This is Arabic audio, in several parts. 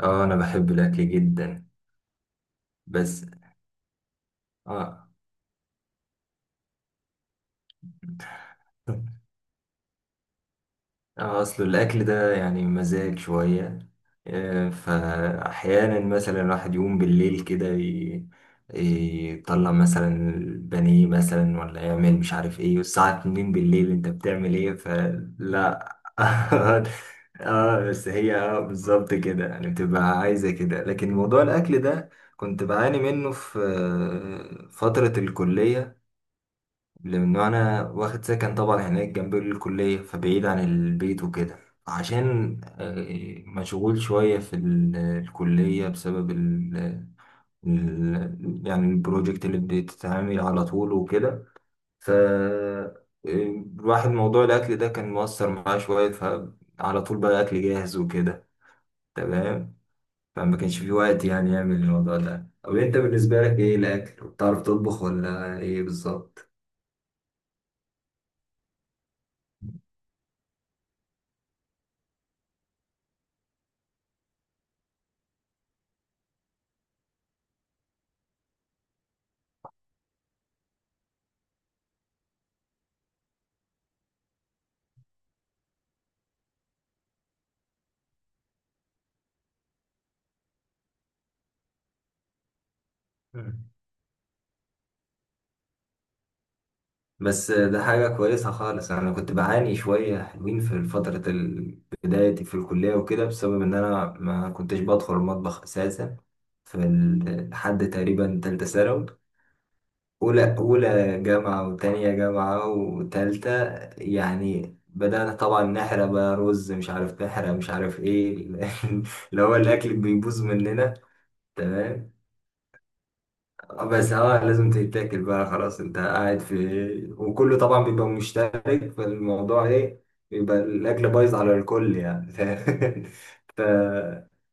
اه انا بحب الاكل جدا. بس اه آه، اصل الاكل ده يعني مزاج شويه. فاحيانا مثلا الواحد يقوم بالليل كده يطلع مثلا البانيه مثلا ولا يعمل مش عارف ايه والساعه 2 بالليل انت بتعمل ايه فلا. اه بس هي اه بالظبط كده يعني بتبقى عايزه كده، لكن موضوع الاكل ده كنت بعاني منه في فتره الكليه، لأنه أنا واخد سكن طبعا هناك جنب الكلية فبعيد عن البيت وكده، عشان مشغول شوية في الكلية بسبب ال يعني البروجكت اللي بتتعامل على طول وكده. ف آه، الواحد موضوع الأكل ده كان مؤثر معاه شوية، فعلى طول بقى أكل جاهز وكده. تمام. فما كانش في وقت يعني يعمل الموضوع ده. طب أنت بالنسبة لك إيه الأكل؟ بتعرف تطبخ ولا إيه بالظبط؟ بس ده حاجة كويسة خالص. أنا كنت بعاني شوية حلوين في فترة بدايتي في الكلية وكده، بسبب إن أنا ما كنتش بدخل المطبخ أساسا في لحد تقريبا تالتة ثانوي. أولى جامعة وتانية جامعة وتالتة يعني بدأنا طبعا نحرق بقى رز مش عارف، نحرق مش عارف إيه. اللي هو الأكل بيبوظ مننا. تمام. بس اه لازم تتاكل بقى، خلاص انت قاعد في وكله طبعا بيبقى مشترك فالموضوع ايه، بيبقى الاكل بايظ على الكل يعني. ف...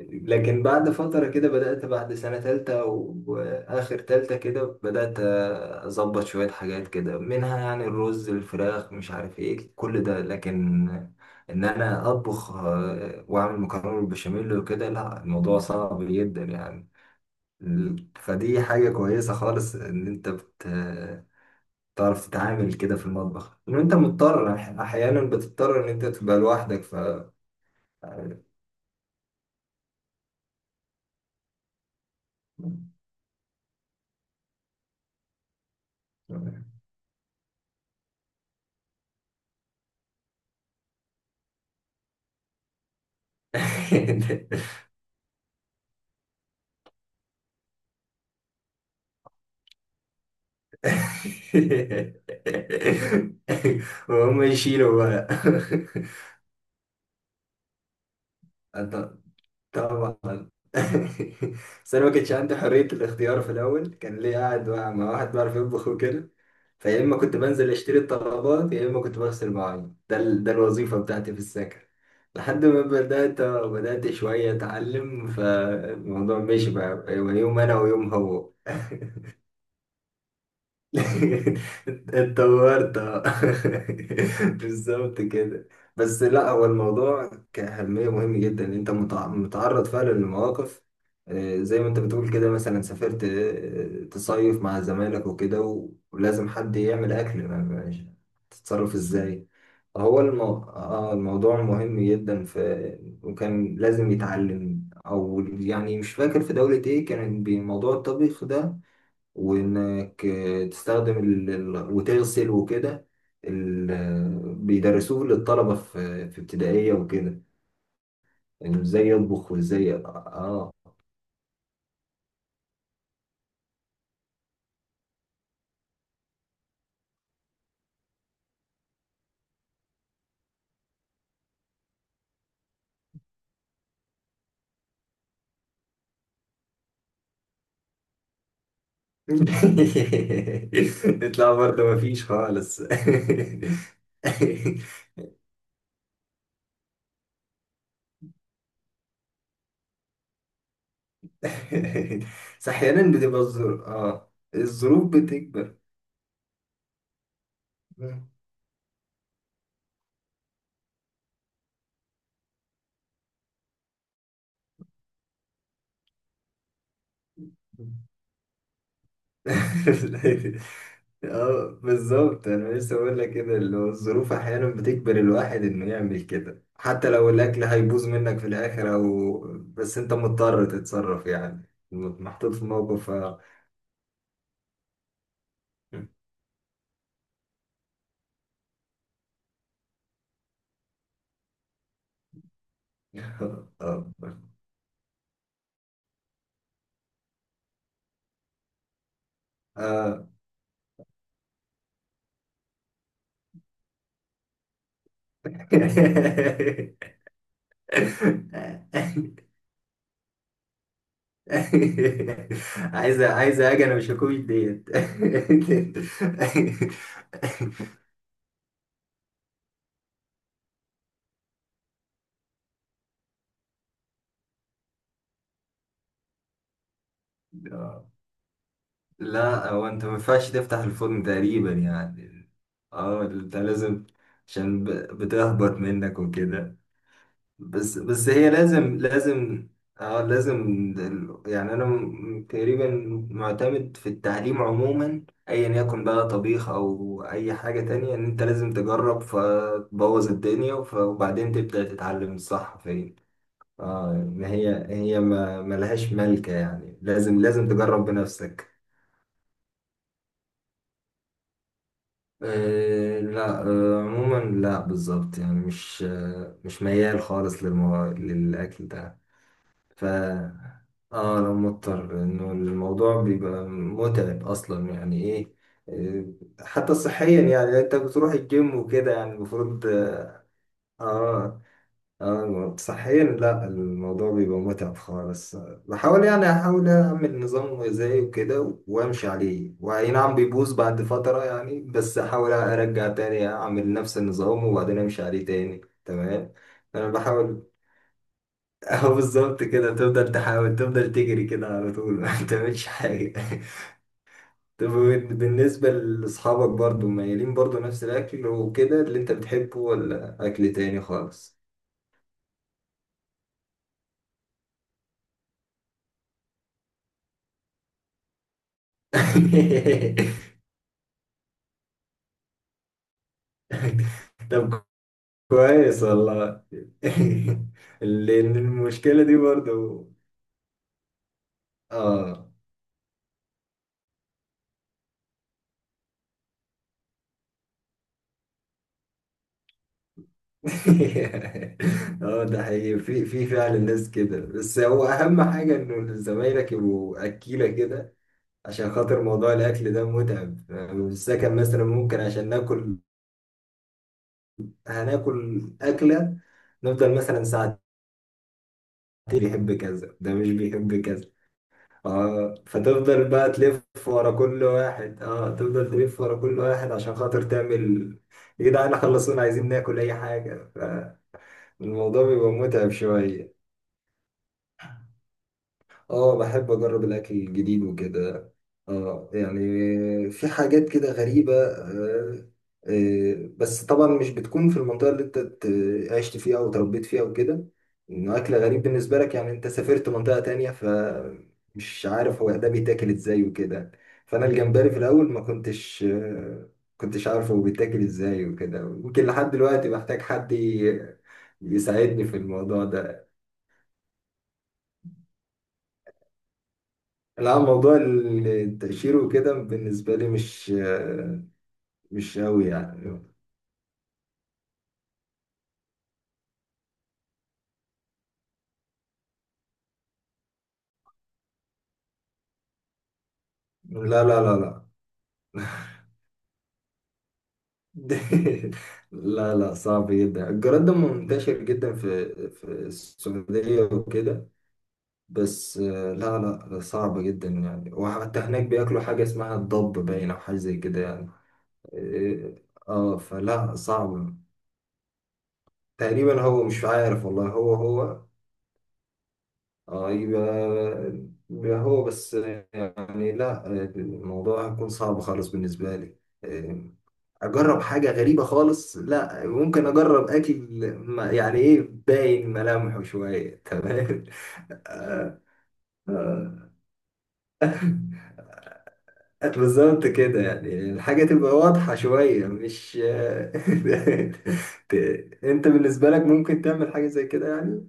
لكن بعد فترة كده بدأت، بعد سنة تالتة وآخر تالتة كده بدأت أظبط شوية حاجات كده، منها يعني الرز الفراخ مش عارف إيه كل ده، لكن إن أنا أطبخ وأعمل مكرونة بالبشاميل وكده لا، الموضوع صعب جدا يعني. فدي حاجة كويسة خالص إن تعرف تتعامل كده في المطبخ، إن أنت مضطر أحيانا بتضطر إن أنت تبقى لوحدك ف. وهم يشيلوا بقى. أنت طبعا. بس انا ما كانش عندي حريه الاختيار في الاول، كان ليه قاعد مع واحد بيعرف يطبخ وكده، فيا اما كنت بنزل اشتري الطلبات يا اما كنت بغسل مواعين. ده الوظيفه بتاعتي في السكن لحد ما بدات شويه اتعلم، فالموضوع ماشي بقى يوم انا ويوم هو. اتطورت آه. بالظبط كده. بس لا، هو الموضوع كأهمية مهم جدا، إن انت متعرض فعلا لمواقف زي ما انت بتقول كده، مثلا سافرت تصيف مع زمايلك وكده ولازم حد يعمل اكل مش- تتصرف ازاي. هو المو... آه الموضوع مهم جدا في، وكان لازم يتعلم. او يعني مش فاكر في دولة ايه كان بموضوع الطبيخ ده، وانك تستخدم وتغسل وكده. ال... آه، بيدرسوه للطلبة في في ابتدائية وكده، يعني ازاي يطبخ وازاي اه. يطلع برضه مفيش خالص. بس احيانا بتبقى الظروف، اه الظروف بتكبر. اه بالظبط، انا لسه بقول لك كده اللي هو الظروف احيانا بتجبر الواحد انه يعمل كده، حتى لو الاكل هيبوظ منك في الاخر، او بس انت مضطر تتصرف يعني. محطوط في موقف اه. اه. آه. عايزه اجي انا مش هكوش ديت. لا هو انت ما ينفعش تفتح الفرن تقريبا يعني. اه انت لازم، عشان بتهبط منك وكده. بس هي لازم. اه لازم. يعني انا تقريبا معتمد في التعليم عموما، ايا يكن بقى طبيخ او اي حاجة تانية، ان انت لازم تجرب فتبوظ الدنيا وبعدين تبدأ تتعلم الصح فين. اه ما هي ما ملهاش ملكة، يعني لازم تجرب بنفسك. لا. عموما لا بالظبط، يعني مش ميال خالص للأكل ده. ف اه لو مضطر، انه الموضوع بيبقى متعب اصلا يعني ايه. حتى صحيا، يعني انت بتروح الجيم وكده يعني المفروض اه. آه، اه صحيا، لا الموضوع بيبقى متعب خالص. بحاول يعني احاول اعمل نظام غذائي وكده وامشي عليه، واي نعم بيبوظ بعد فترة يعني، بس احاول ارجع تاني اعمل نفس النظام وبعدين امشي عليه تاني. تمام. انا بحاول. اهو بالظبط كده، تفضل تحاول تفضل تجري كده على طول. ما تعملش حاجة. طب بالنسبة لاصحابك برضو مايلين برضو نفس الاكل وكده اللي انت بتحبه، ولا اكل تاني خالص؟ طب كويس والله. لأن المشكلة دي برضو اه. اه ده حقيقي، في فعلا ناس كده، بس هو أهم حاجة إنه زمايلك يبقوا أكيلة كده، عشان خاطر موضوع الأكل ده متعب يعني. في السكن مثلا ممكن عشان ناكل هناكل أكلة نفضل مثلا ساعتين، بيحب كذا ده مش بيحب. اه فتفضل بقى تلف ورا كل واحد، اه تفضل تلف ورا كل واحد عشان خاطر تعمل يا جدعان خلصونا عايزين ناكل اي حاجة. فالموضوع بيبقى متعب شوية. اه بحب اجرب الاكل الجديد وكده. اه يعني في حاجات كده غريبة آه. آه بس طبعا مش بتكون في المنطقة اللي انت عشت فيها او تربيت فيها وكده، انه اكل غريب بالنسبة لك، يعني انت سافرت منطقة تانية فمش عارف هو ده بيتاكل ازاي وكده. فانا الجمبري في الاول ما كنتش عارف هو بيتاكل ازاي وكده، يمكن لحد دلوقتي بحتاج حد يساعدني في الموضوع ده. لا موضوع التأشير وكده بالنسبة لي مش قوي يعني. لا لا لا لا. لا لا صعب جدا، الجراد ده منتشر جدا في السعودية وكده، بس لا. لا لا، صعب جدا يعني. وحتى هناك بياكلوا حاجة اسمها الضب باين، أو حاجة زي كده يعني. اه فلا صعب. تقريبا هو مش عارف والله، هو اه. يبقى هو بس يعني، لا الموضوع هيكون صعب خالص بالنسبة لي. آه، أجرب حاجة غريبة خالص لا، ممكن أجرب أكل يعني إيه، باين ملامحه شوية. تمام. آه، آه. بالظبط كده يعني الحاجة تبقى واضحة شوية مش. ت- أنت بالنسبة لك ممكن تعمل حاجة زي كده يعني؟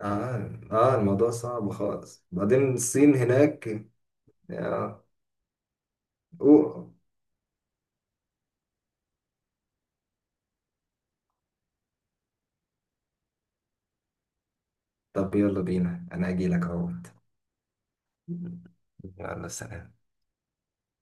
الموضوع صعب خالص، بعدين الصين هناك. آه. أوه. طب يلا بينا، أنا أجيلك أهو. يلا. سلام.